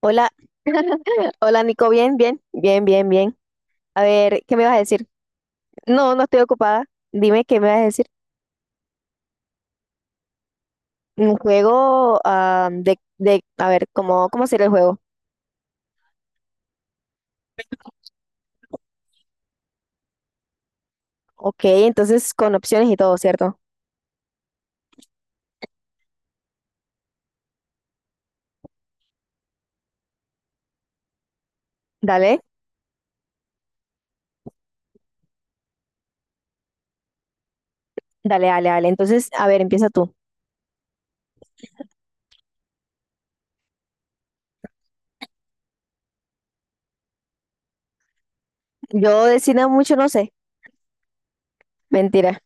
Hola, hola Nico, bien, bien, bien, bien, bien. A ver, ¿qué me vas a decir? No, no estoy ocupada. Dime qué me vas a decir. Un juego ah, a ver, ¿cómo sería el juego? Ok, entonces con opciones y todo, ¿cierto? Dale, dale, dale, dale. Entonces, a ver, empieza tú. Yo de cine mucho no sé. Mentira.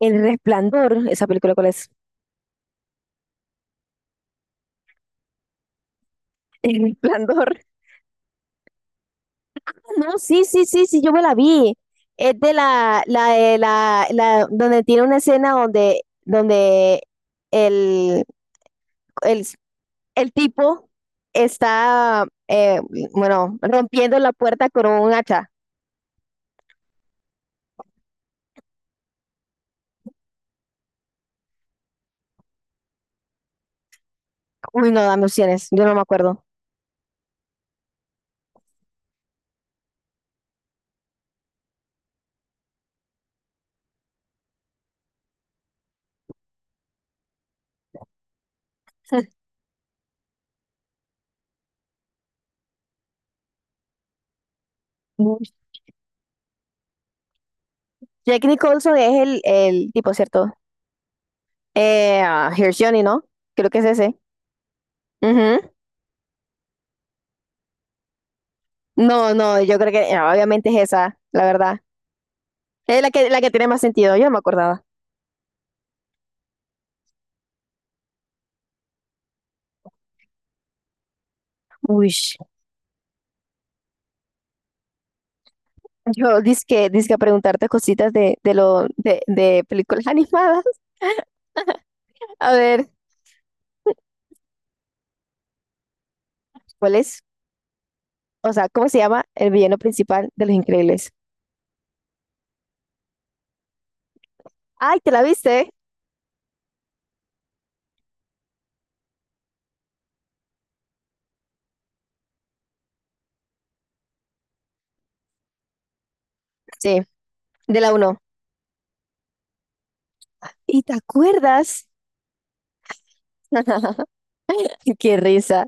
El Resplandor, esa película, ¿cuál es? El Resplandor. No, sí, sí, sí, sí, yo me la vi. Es de la de la, donde tiene una escena donde el, el, el tipo está, bueno, rompiendo la puerta con un hacha. Uy, no, dame opciones, yo no me acuerdo. Uy. Jack Nicholson es el tipo, ¿cierto? Ah, Here's Johnny, ¿no? Creo que es ese. Ujú. No, no, yo creo que obviamente es esa, la verdad. Es la que tiene más sentido, yo no me acordaba. Uy. Yo dizque a preguntarte cositas de lo de películas animadas. A ver, ¿cuál es? O sea, ¿cómo se llama el villano principal de Los Increíbles? Ay, ¿te la viste? Sí, de la uno. ¿Y te acuerdas? Qué risa.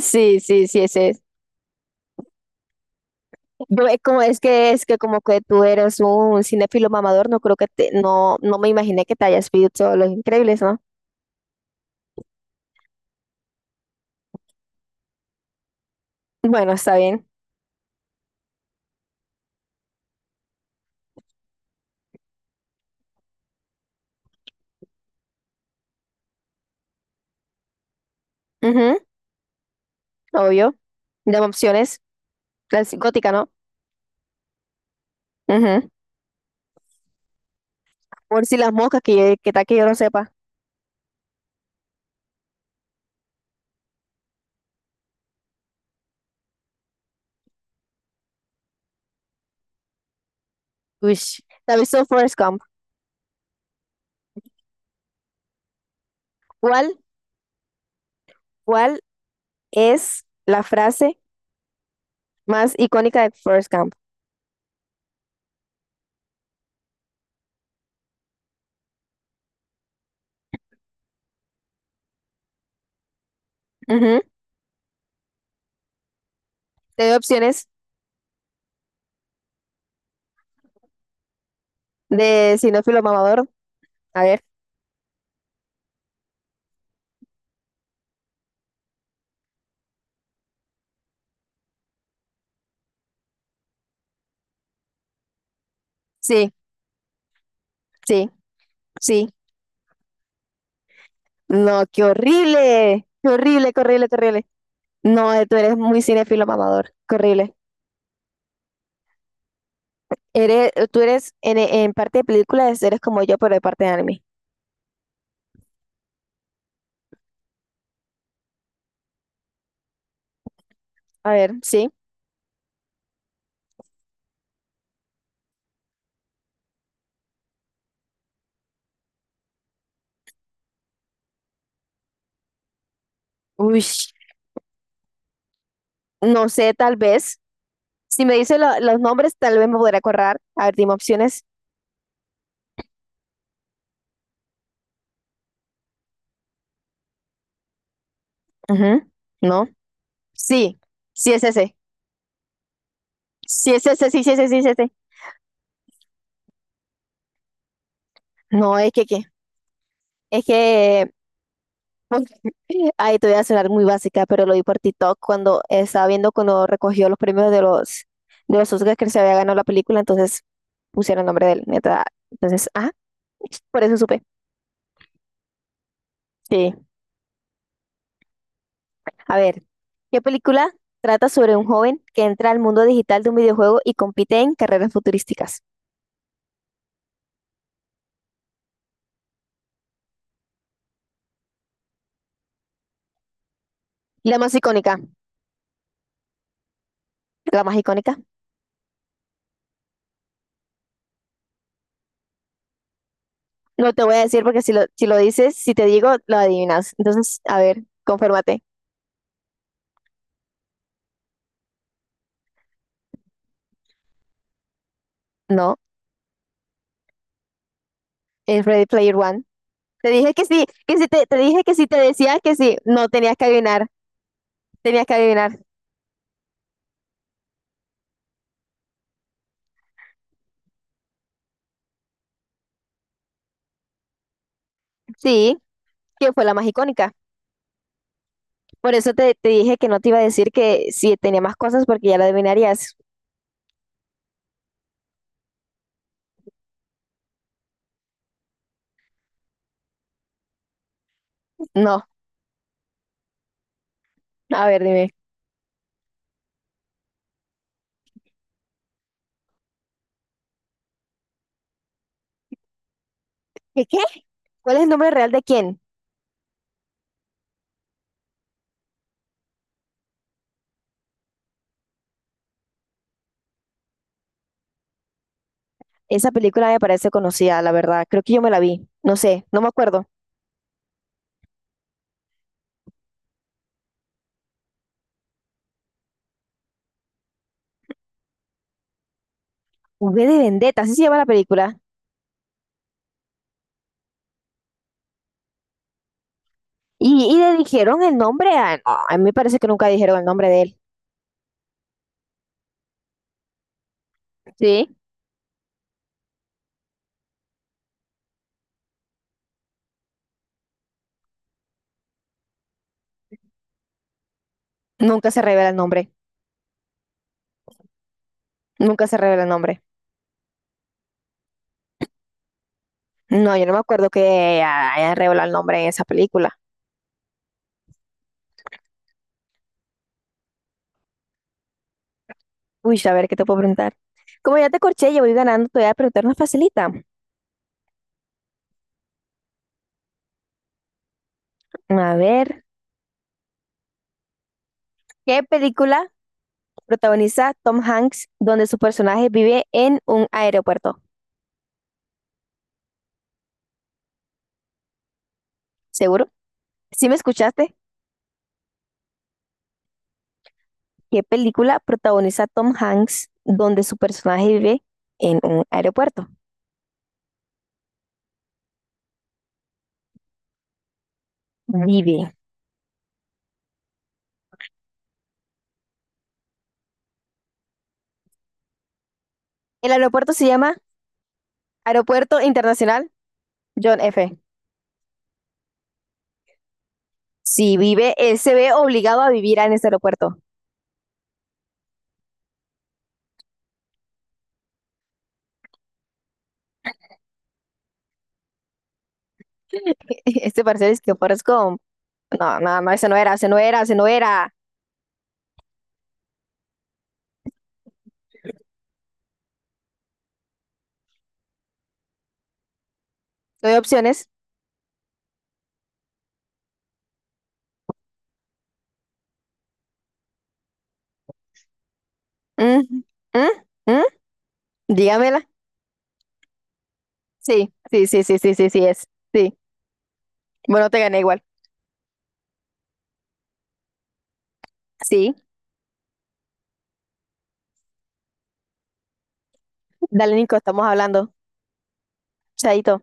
Sí, sí, sí, ese es. Yo, como es que como que tú eres un cinéfilo mamador, no creo que te, no, no me imaginé que te hayas visto Los Increíbles, ¿no? Bueno, está bien. Ujú, obvio. De opciones, clásica, gótica, ¿no? Por si las moscas, que tal que yo no sepa. Uy, ¿te has visto Forrest Gump? ¿Cuál, cuál es la frase más icónica de Forrest Gump? Ujú. Te doy opciones de sinófilo mamador. A ver. Sí, sí, sí. No, qué horrible. Qué horrible, qué horrible, qué horrible. No, tú eres muy cinéfilo mamador. Qué horrible. Tú eres en parte de películas, eres como yo, pero de parte de anime. A ver, sí. Uy. No sé, tal vez. Si me dice los nombres, tal vez me podré acordar. A ver, dime opciones. Ujú, no. Sí, sí es ese. Sí es ese, sí, sí sí ese, sí es ese. No, es que, ¿qué? Es que... Ay, te voy a sonar muy básica, pero lo vi por TikTok cuando estaba viendo cuando recogió los premios de los Oscars que se había ganado la película, entonces pusieron el nombre de él. Neta. Entonces, ah, por eso supe. Sí. A ver, ¿qué película trata sobre un joven que entra al mundo digital de un videojuego y compite en carreras futurísticas? La más icónica, la más icónica. No te voy a decir porque si lo dices, si te digo, lo adivinas. Entonces, a ver, conférmate. No, es Ready Player One. Te dije que sí, que si te, te dije que si te decía que sí. No, tenías que adivinar, tenías que adivinar. Sí, que fue la más icónica. Por eso te dije que no te iba a decir que si tenía más cosas porque ya la adivinarías. No, a ver, dime. ¿Qué qué? ¿Cuál es el nombre real de quién? Esa película me parece conocida, la verdad. Creo que yo me la vi. No sé, no me acuerdo. V de Vendetta, así se llama la película. Y le dijeron el nombre no, a mí me parece que nunca dijeron el nombre de él. Sí. Nunca se revela el nombre. Nunca se revela el nombre. No, yo no me acuerdo que hayan revelado el nombre en esa película. Uy, a ver, ¿qué te puedo preguntar? Como ya te corché, yo voy ganando, te voy a preguntar una facilita. A ver, ¿qué película protagoniza Tom Hanks donde su personaje vive en un aeropuerto? ¿Seguro? ¿Sí me escuchaste? ¿Qué película protagoniza Tom Hanks donde su personaje vive en un aeropuerto? Vive. El aeropuerto se llama Aeropuerto Internacional John F. Si vive, él se ve obligado a vivir en ese aeropuerto. Este parcial es que Forrest Gump. No, no, no, ese no era, ese no era, ese no era. Doy opciones. Mm, mm, mm. Dígamela. Sí, sí, sí, sí, sí, sí, sí es. Sí. Bueno, te gané igual. Sí, dale, Nico, estamos hablando. Chaito.